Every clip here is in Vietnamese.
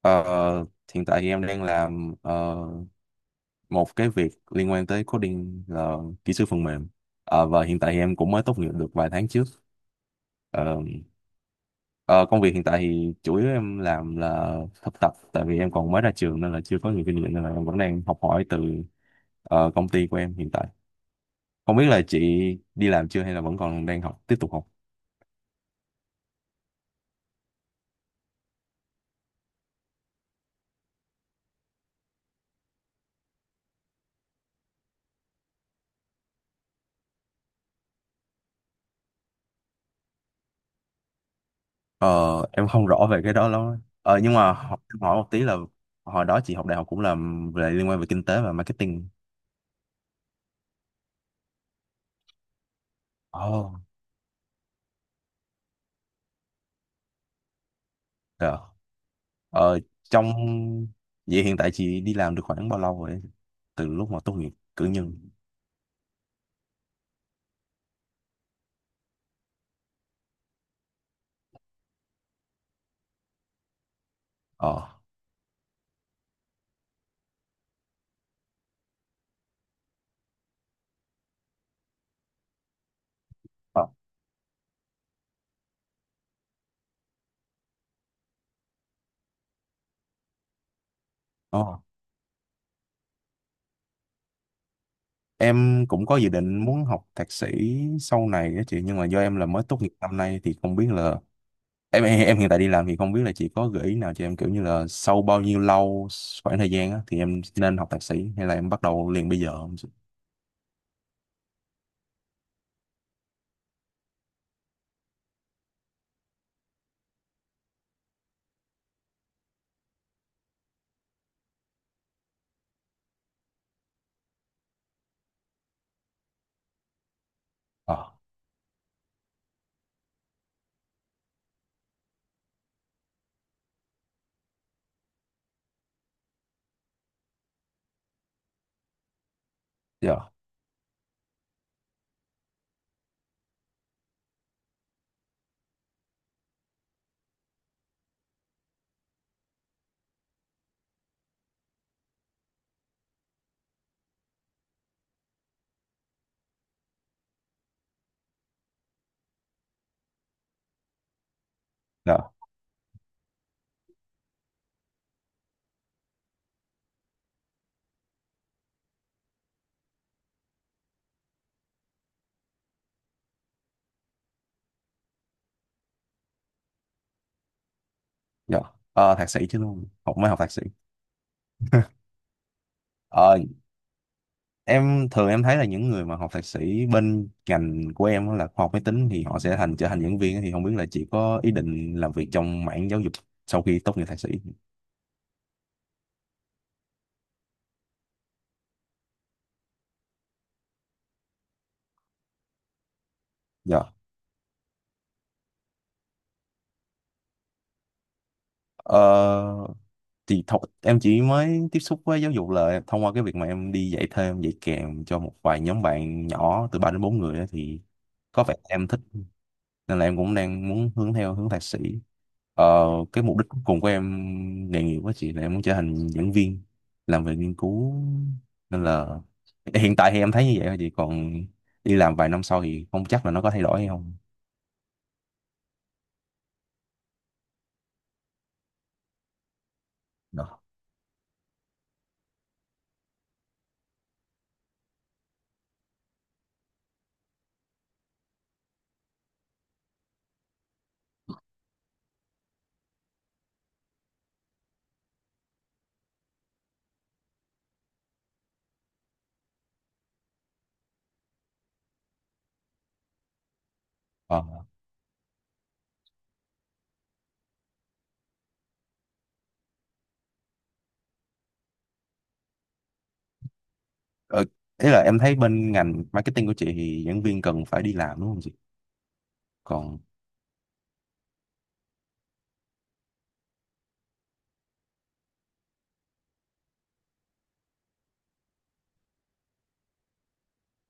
Ờ, Hiện tại thì em đang làm một cái việc liên quan tới coding là kỹ sư phần mềm. Ờ, và hiện tại thì em cũng mới tốt nghiệp được vài tháng trước. Ờ, ờ, Công việc hiện tại thì chủ yếu em làm là thực tập, tại vì em còn mới ra trường nên là chưa có nhiều kinh nghiệm nên là em vẫn đang học hỏi từ công ty của em hiện tại. Không biết là chị đi làm chưa hay là vẫn còn đang học, tiếp tục học? Ờ, em không rõ về cái đó lắm. Nhưng mà em hỏi một tí là hồi đó chị học đại học cũng làm về liên quan về kinh tế và marketing. Ồ, dạ. Ờ, trong Vậy hiện tại chị đi làm được khoảng bao lâu rồi? Từ lúc mà tốt nghiệp cử nhân. Ờ. Ờ. Ờ. Em cũng có dự định muốn học thạc sĩ sau này á chị, nhưng mà do em là mới tốt nghiệp năm nay thì không biết là em hiện tại đi làm thì không biết là chị có gợi ý nào cho em kiểu như là sau bao nhiêu lâu khoảng thời gian á, thì em nên học thạc sĩ hay là em bắt đầu liền bây giờ không chị? Ờ, dạ, dạ, dạ. Thạc sĩ chứ luôn, mới học thạc sĩ. Ờ, em thường em thấy là những người mà học thạc sĩ bên ngành của em á là khoa học máy tính thì họ sẽ trở thành giảng viên á, thì không biết là chị có ý định làm việc trong mảng giáo dục sau khi tốt nghiệp thạc sĩ. Dạ. Ờ, thì em chỉ mới tiếp xúc với giáo dục là thông qua cái việc mà em đi dạy thêm dạy kèm cho một vài nhóm bạn nhỏ từ 3 đến 4 người á, thì có vẻ em thích nên là em cũng đang muốn hướng theo hướng thạc sĩ. ờ, cái mục đích cuối cùng của em nghề nghiệp với chị là em muốn trở thành giảng viên làm về nghiên cứu, nên là hiện tại thì em thấy như vậy thôi chị, còn đi làm vài năm sau thì không chắc là nó có thay đổi hay không. Đó. ờ, ờ, Ý là em thấy bên ngành marketing của chị thì giảng viên cần phải đi làm đúng không chị? Còn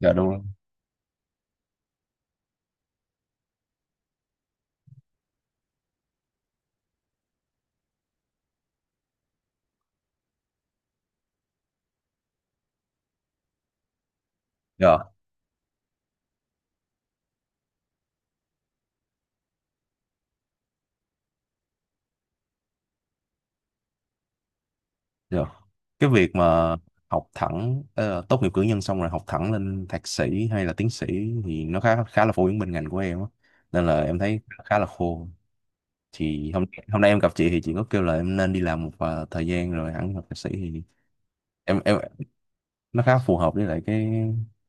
dạ đúng rồi, dạ, dạ. Cái việc mà học thẳng tốt nghiệp cử nhân xong rồi học thẳng lên thạc sĩ hay là tiến sĩ thì nó khá khá là phổ biến bên ngành của em á, nên là em thấy khá là khô. Thì hôm hôm nay em gặp chị thì chị có kêu là em nên đi làm một thời gian rồi hẳn học thạc sĩ thì em nó khá phù hợp với lại cái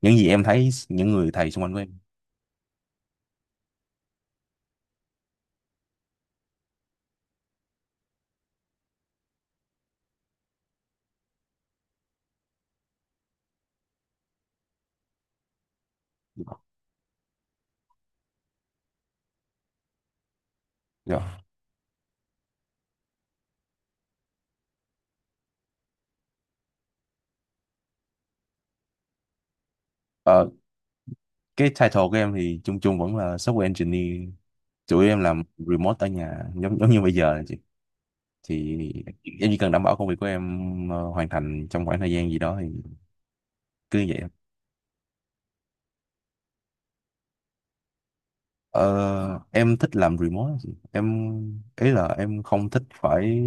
những gì em thấy những người thầy xung quanh của em. Dạ. Ờ, cái title của em thì chung chung vẫn là software engineer, chủ yếu em làm remote ở nhà giống giống như bây giờ thì em chỉ cần đảm bảo công việc của em hoàn thành trong khoảng thời gian gì đó thì cứ như vậy thôi. Ờ, em thích làm remote. Em ý là em không thích phải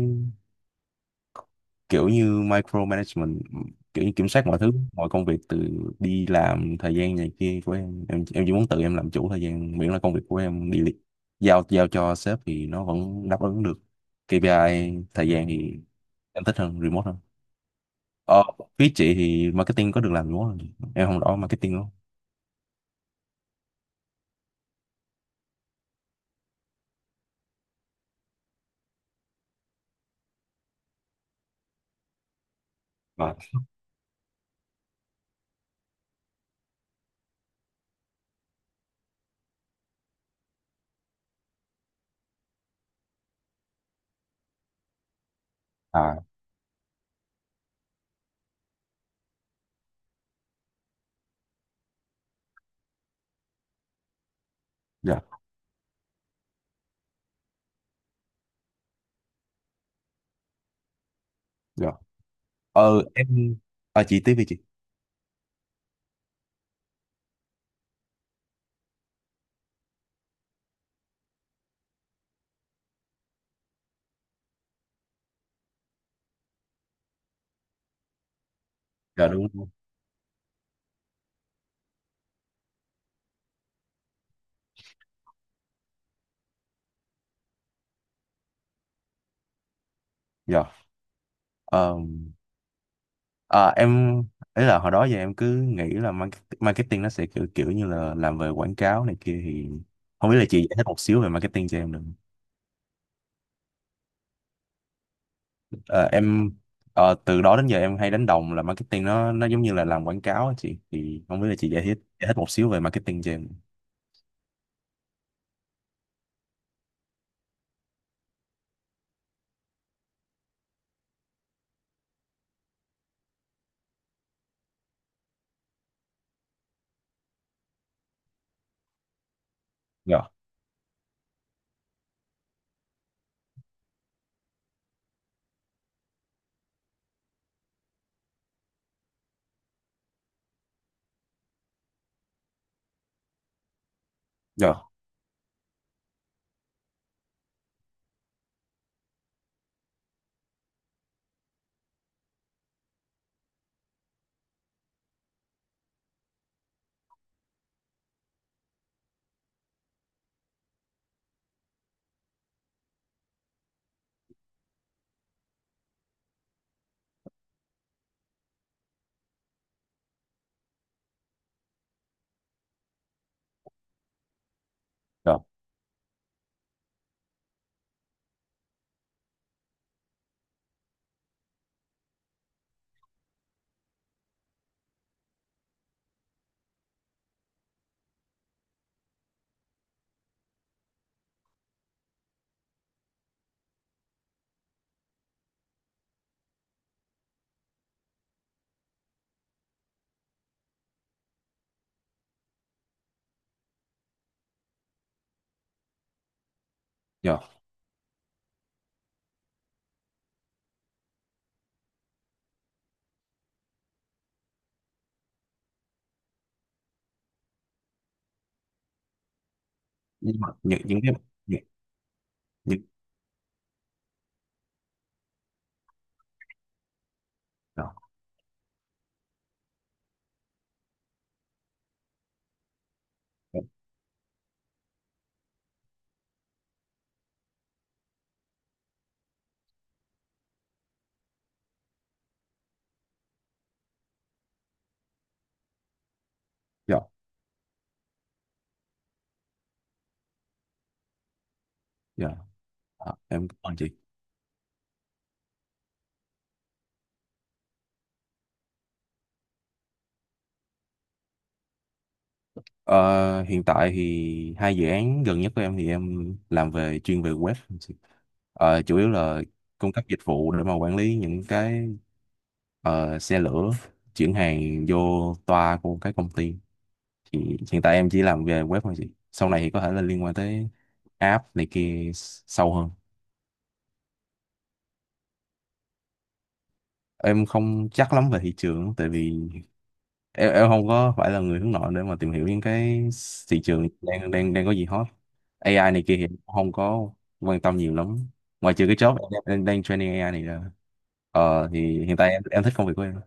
kiểu như micromanagement, kiểu như kiểm soát mọi thứ mọi công việc từ đi làm thời gian này kia của Em chỉ muốn tự em làm chủ thời gian miễn là công việc của em giao giao cho sếp thì nó vẫn đáp ứng được KPI thời gian, thì em thích hơn remote hơn. ờ, Phía chị thì marketing có được làm remote không em không rõ marketing? Rồi. À, dạ, dạ. Ờ, em... À chị tiếp đi chị. Dạ, đúng rồi. Dạ. Ờ, à, em... Ý là hồi đó giờ em cứ nghĩ là marketing nó sẽ kiểu, kiểu như là làm về quảng cáo này kia thì... Không biết là chị giải thích một xíu về marketing cho em được không? Ờ, em... Ờ, từ đó đến giờ em hay đánh đồng là marketing nó giống như là làm quảng cáo á chị. Thì không biết là chị giải thích một xíu về marketing cho em. Dạ, dạ, dạ, dạ. Nhưng mà những cái... Những, những, dạ, dạ, dạ. Ờ, em cảm ơn chị. Ờ, hiện tại thì hai dự án gần nhất của em thì em làm về chuyên về web. Ờ, chủ yếu là cung cấp dịch vụ để mà quản lý những cái xe lửa chuyển hàng vô toa của cái công ty, thì hiện tại em chỉ làm về web thôi chị, sau này thì có thể là liên quan tới app này kia sâu hơn. Em không chắc lắm về thị trường tại vì em không có phải là người hướng nội để mà tìm hiểu những cái thị trường đang đang đang có gì hot, AI này kia thì em cũng không có quan tâm nhiều lắm, ngoài trừ cái job em đang training AI này ra. Ờ thì hiện tại em thích công việc của em.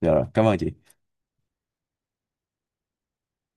Dạ rồi, cảm ơn chị.